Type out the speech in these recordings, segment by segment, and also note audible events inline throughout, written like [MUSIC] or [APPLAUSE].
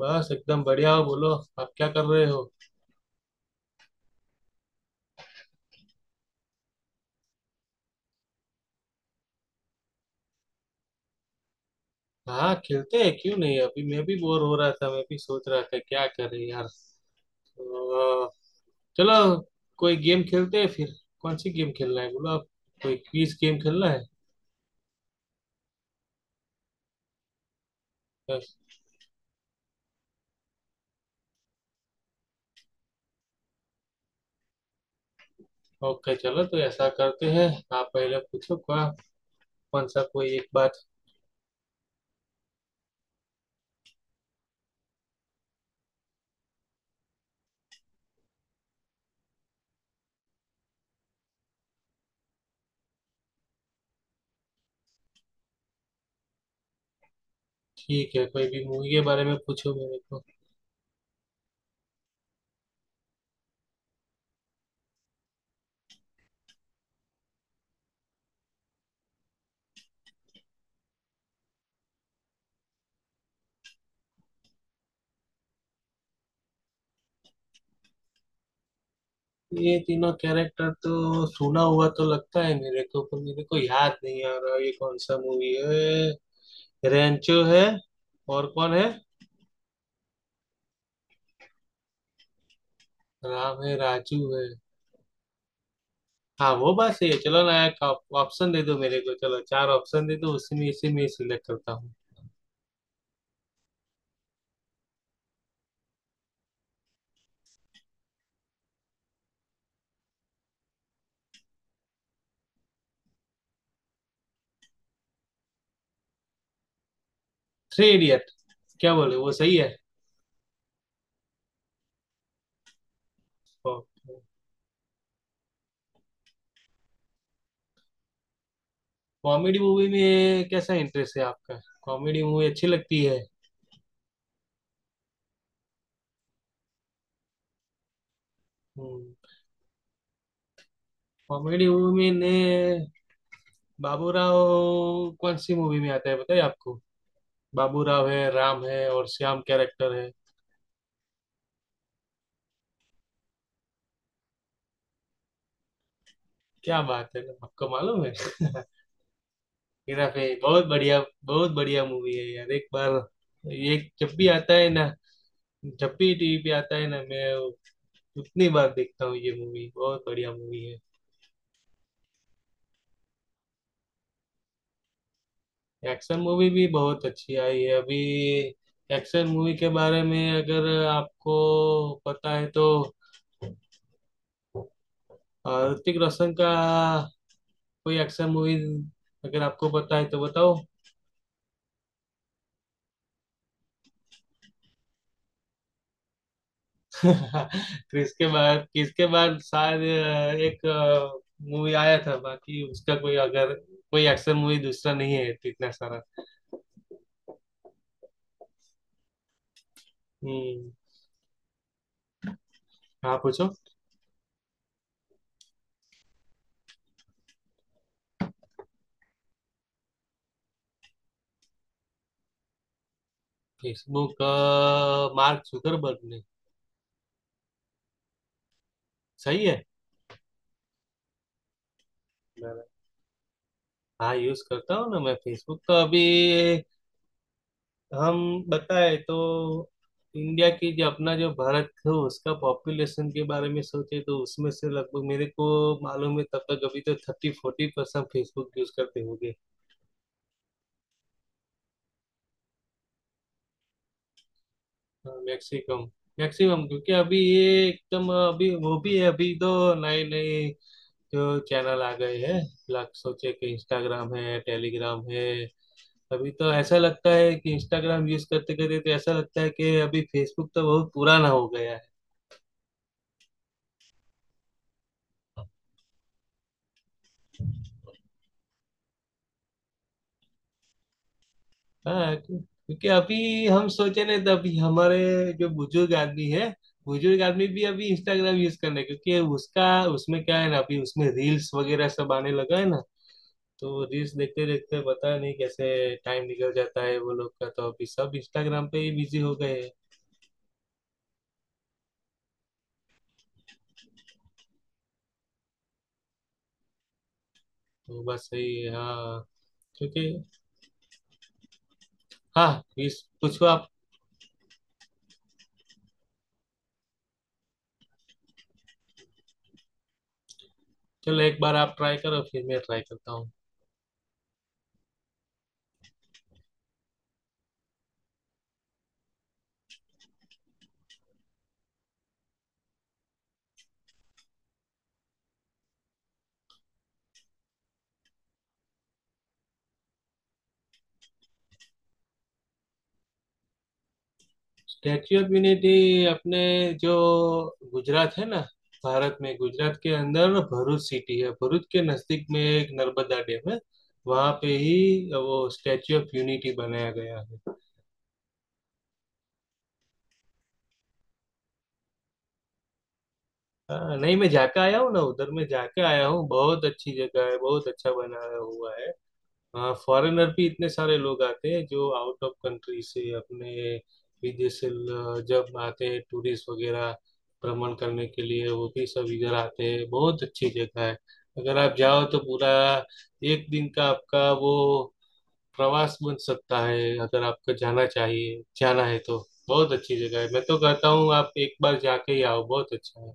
बस एकदम बढ़िया हो बोलो। आप क्या कर रहे हो? हाँ खेलते हैं क्यों नहीं। अभी मैं भी बोर हो रहा था, मैं भी सोच रहा था क्या करें यार। तो, चलो कोई गेम खेलते हैं फिर। कौन सी गेम खेलना है बोलो आप? कोई क्विज गेम खेलना है बस। ओके चलो तो ऐसा करते हैं। आप पहले पूछो क्या, कौन सा कोई एक बात। ठीक है कोई भी मूवी के बारे में पूछो मेरे को। ये तीनों कैरेक्टर तो सुना हुआ तो लगता है मेरे को, पर मेरे को याद नहीं आ रहा ये कौन सा मूवी है। रेंचो है और कौन है? राम है राजू है। हाँ वो बात सही है। चलो ना एक ऑप्शन दे दो मेरे को, चलो चार ऑप्शन दे दो, उसी में इसी में सिलेक्ट करता हूँ। Three idiot. क्या बोले वो सही है? कॉमेडी मूवी में कैसा इंटरेस्ट है आपका? कॉमेडी मूवी अच्छी लगती है? कॉमेडी मूवी में ने बाबूराव कौन सी मूवी में आता है बताइए आपको? बाबूराव है राम है और श्याम कैरेक्टर है। क्या बात है आपको मालूम है। [LAUGHS] हेरा फेरी बहुत बढ़िया। बहुत बढ़िया मूवी है यार। एक बार ये जब भी आता है ना, जब भी टीवी पे आता है ना, मैं उतनी बार देखता हूँ ये मूवी, बहुत बढ़िया मूवी है। एक्शन मूवी भी बहुत अच्छी आई है अभी। एक्शन मूवी के बारे में अगर आपको पता है तो ऋतिक रोशन का कोई एक्शन मूवीज अगर आपको पता है तो बताओ। [LAUGHS] किसके बाद शायद एक मूवी आया था, बाकी उसका कोई अगर कोई एक्शन मूवी दूसरा नहीं है तो इतना सारा। हम्म, हाँ पूछो। फेसबुक मार्क जुकरबर्ग ने। सही है हाँ। यूज करता हूँ ना मैं फेसबुक तो, अभी हम बताए तो इंडिया की जो अपना जो भारत है उसका पॉपुलेशन के बारे में सोचे तो उसमें से लगभग, मेरे को मालूम है तब तक, अभी तो 30-40% फेसबुक यूज करते होंगे। मैक्सिमम। मैक्सिमम क्योंकि अभी ये एकदम, अभी वो भी है, अभी तो नए नए जो चैनल आ गए हैं, लाख सोचे कि इंस्टाग्राम है टेलीग्राम है, अभी तो ऐसा लगता है कि इंस्टाग्राम यूज करते करते तो ऐसा लगता है कि अभी फेसबुक तो बहुत पुराना हो गया है। हाँ क्योंकि अभी हम सोचे नहीं तो अभी हमारे जो बुजुर्ग आदमी है, बुजुर्ग आदमी भी अभी इंस्टाग्राम यूज करना है क्योंकि उसका, उसमें क्या है ना, अभी उसमें रील्स वगैरह सब आने लगा है ना, तो रील्स देखते देखते पता नहीं कैसे टाइम निकल जाता है वो लोग का, तो अभी सब इंस्टाग्राम पे ही बिजी हो गए हैं। तो बस सही है हाँ। क्योंकि हाँ इस पूछो आप। चलो एक बार आप ट्राई करो फिर मैं ट्राई करता हूँ। स्टैच्यू ऑफ यूनिटी अपने जो गुजरात है ना, भारत में गुजरात के अंदर ना भरूच सिटी है, भरूच के नजदीक में एक नर्मदा डैम है, वहां पे ही वो स्टैच्यू ऑफ यूनिटी बनाया गया है। हाँ, नहीं मैं जाके आया हूँ ना उधर, मैं जाके आया हूँ, बहुत अच्छी जगह है, बहुत अच्छा बनाया हुआ है। हाँ फॉरेनर भी इतने सारे लोग आते हैं, जो आउट ऑफ कंट्री से अपने विदेश से जब आते हैं टूरिस्ट वगैरह भ्रमण करने के लिए, वो भी सब इधर आते हैं, बहुत अच्छी जगह है। अगर आप जाओ तो पूरा एक दिन का आपका वो प्रवास बन सकता है, अगर आपको जाना चाहिए जाना है तो, बहुत अच्छी जगह है, मैं तो कहता हूँ आप एक बार जाके ही आओ, बहुत अच्छा है।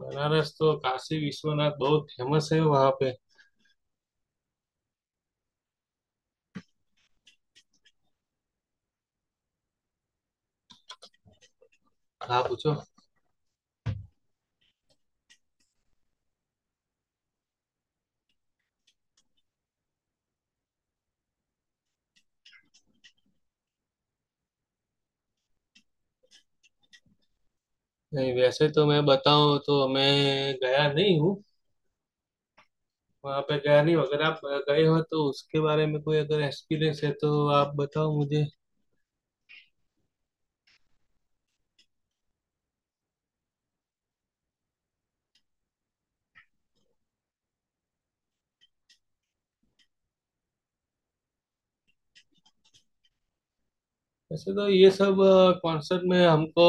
बनारस तो काशी विश्वनाथ बहुत फेमस है वहाँ पे। आप पूछो। नहीं वैसे तो मैं बताऊं तो मैं गया नहीं हूँ, वहाँ पे गया नहीं हूं। अगर आप गए हो तो उसके बारे में कोई अगर एक्सपीरियंस है तो आप बताओ मुझे। वैसे तो ये सब कॉन्सर्ट में हमको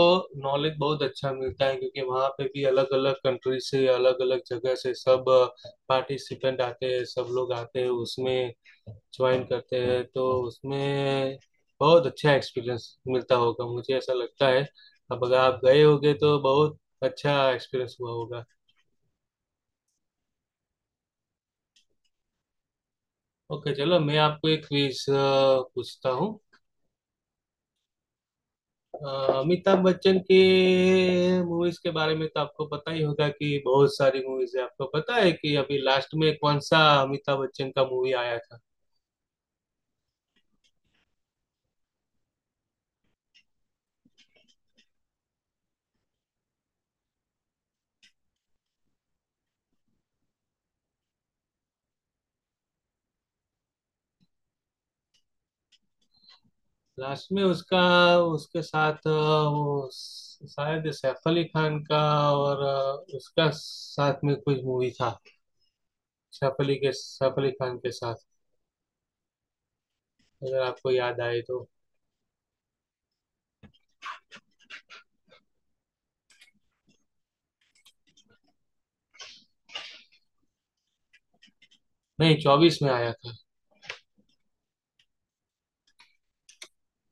नॉलेज बहुत अच्छा मिलता है, क्योंकि वहाँ पे भी अलग अलग कंट्री से अलग अलग जगह से सब पार्टिसिपेंट आते हैं, सब लोग आते हैं उसमें ज्वाइन करते हैं, तो उसमें बहुत अच्छा एक्सपीरियंस मिलता होगा मुझे ऐसा लगता है। अब अगर आप गए होगे तो बहुत अच्छा एक्सपीरियंस हुआ होगा। ओके चलो मैं आपको एक क्विज पूछता हूँ। अ, अमिताभ बच्चन के मूवीज के बारे में तो आपको पता ही होगा कि बहुत सारी मूवीज है, आपको पता है कि अभी लास्ट में कौन सा अमिताभ बच्चन का मूवी आया था? लास्ट में उसका, उसके साथ वो शायद सैफ अली खान का, और उसका साथ में कुछ मूवी था, सैफ अली के सैफ अली खान के साथ, अगर आपको याद आए तो। नहीं 24 में आया था।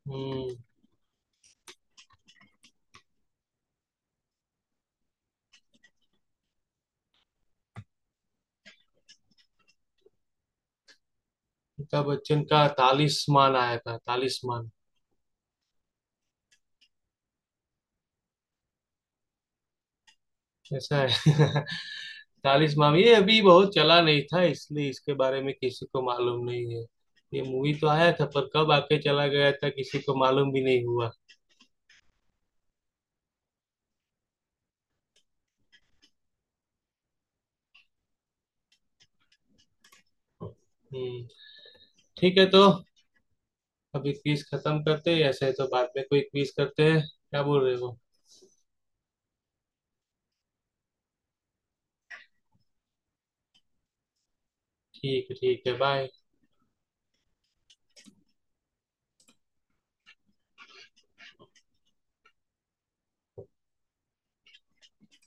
हम्म। अमिताभ बच्चन का तालिस्मान आया था, तालिस्मान। कैसा है। [LAUGHS] तालिस्मान ये अभी बहुत चला नहीं था, इसलिए इसके बारे में किसी को मालूम नहीं है, ये मूवी तो आया था पर कब आके चला गया था किसी को मालूम भी नहीं हुआ। हम्म। ठीक है तो अभी क्विज खत्म करते हैं, ऐसे तो बाद में कोई क्विज करते हैं, क्या बोल रहे हो? ठीक है बाय।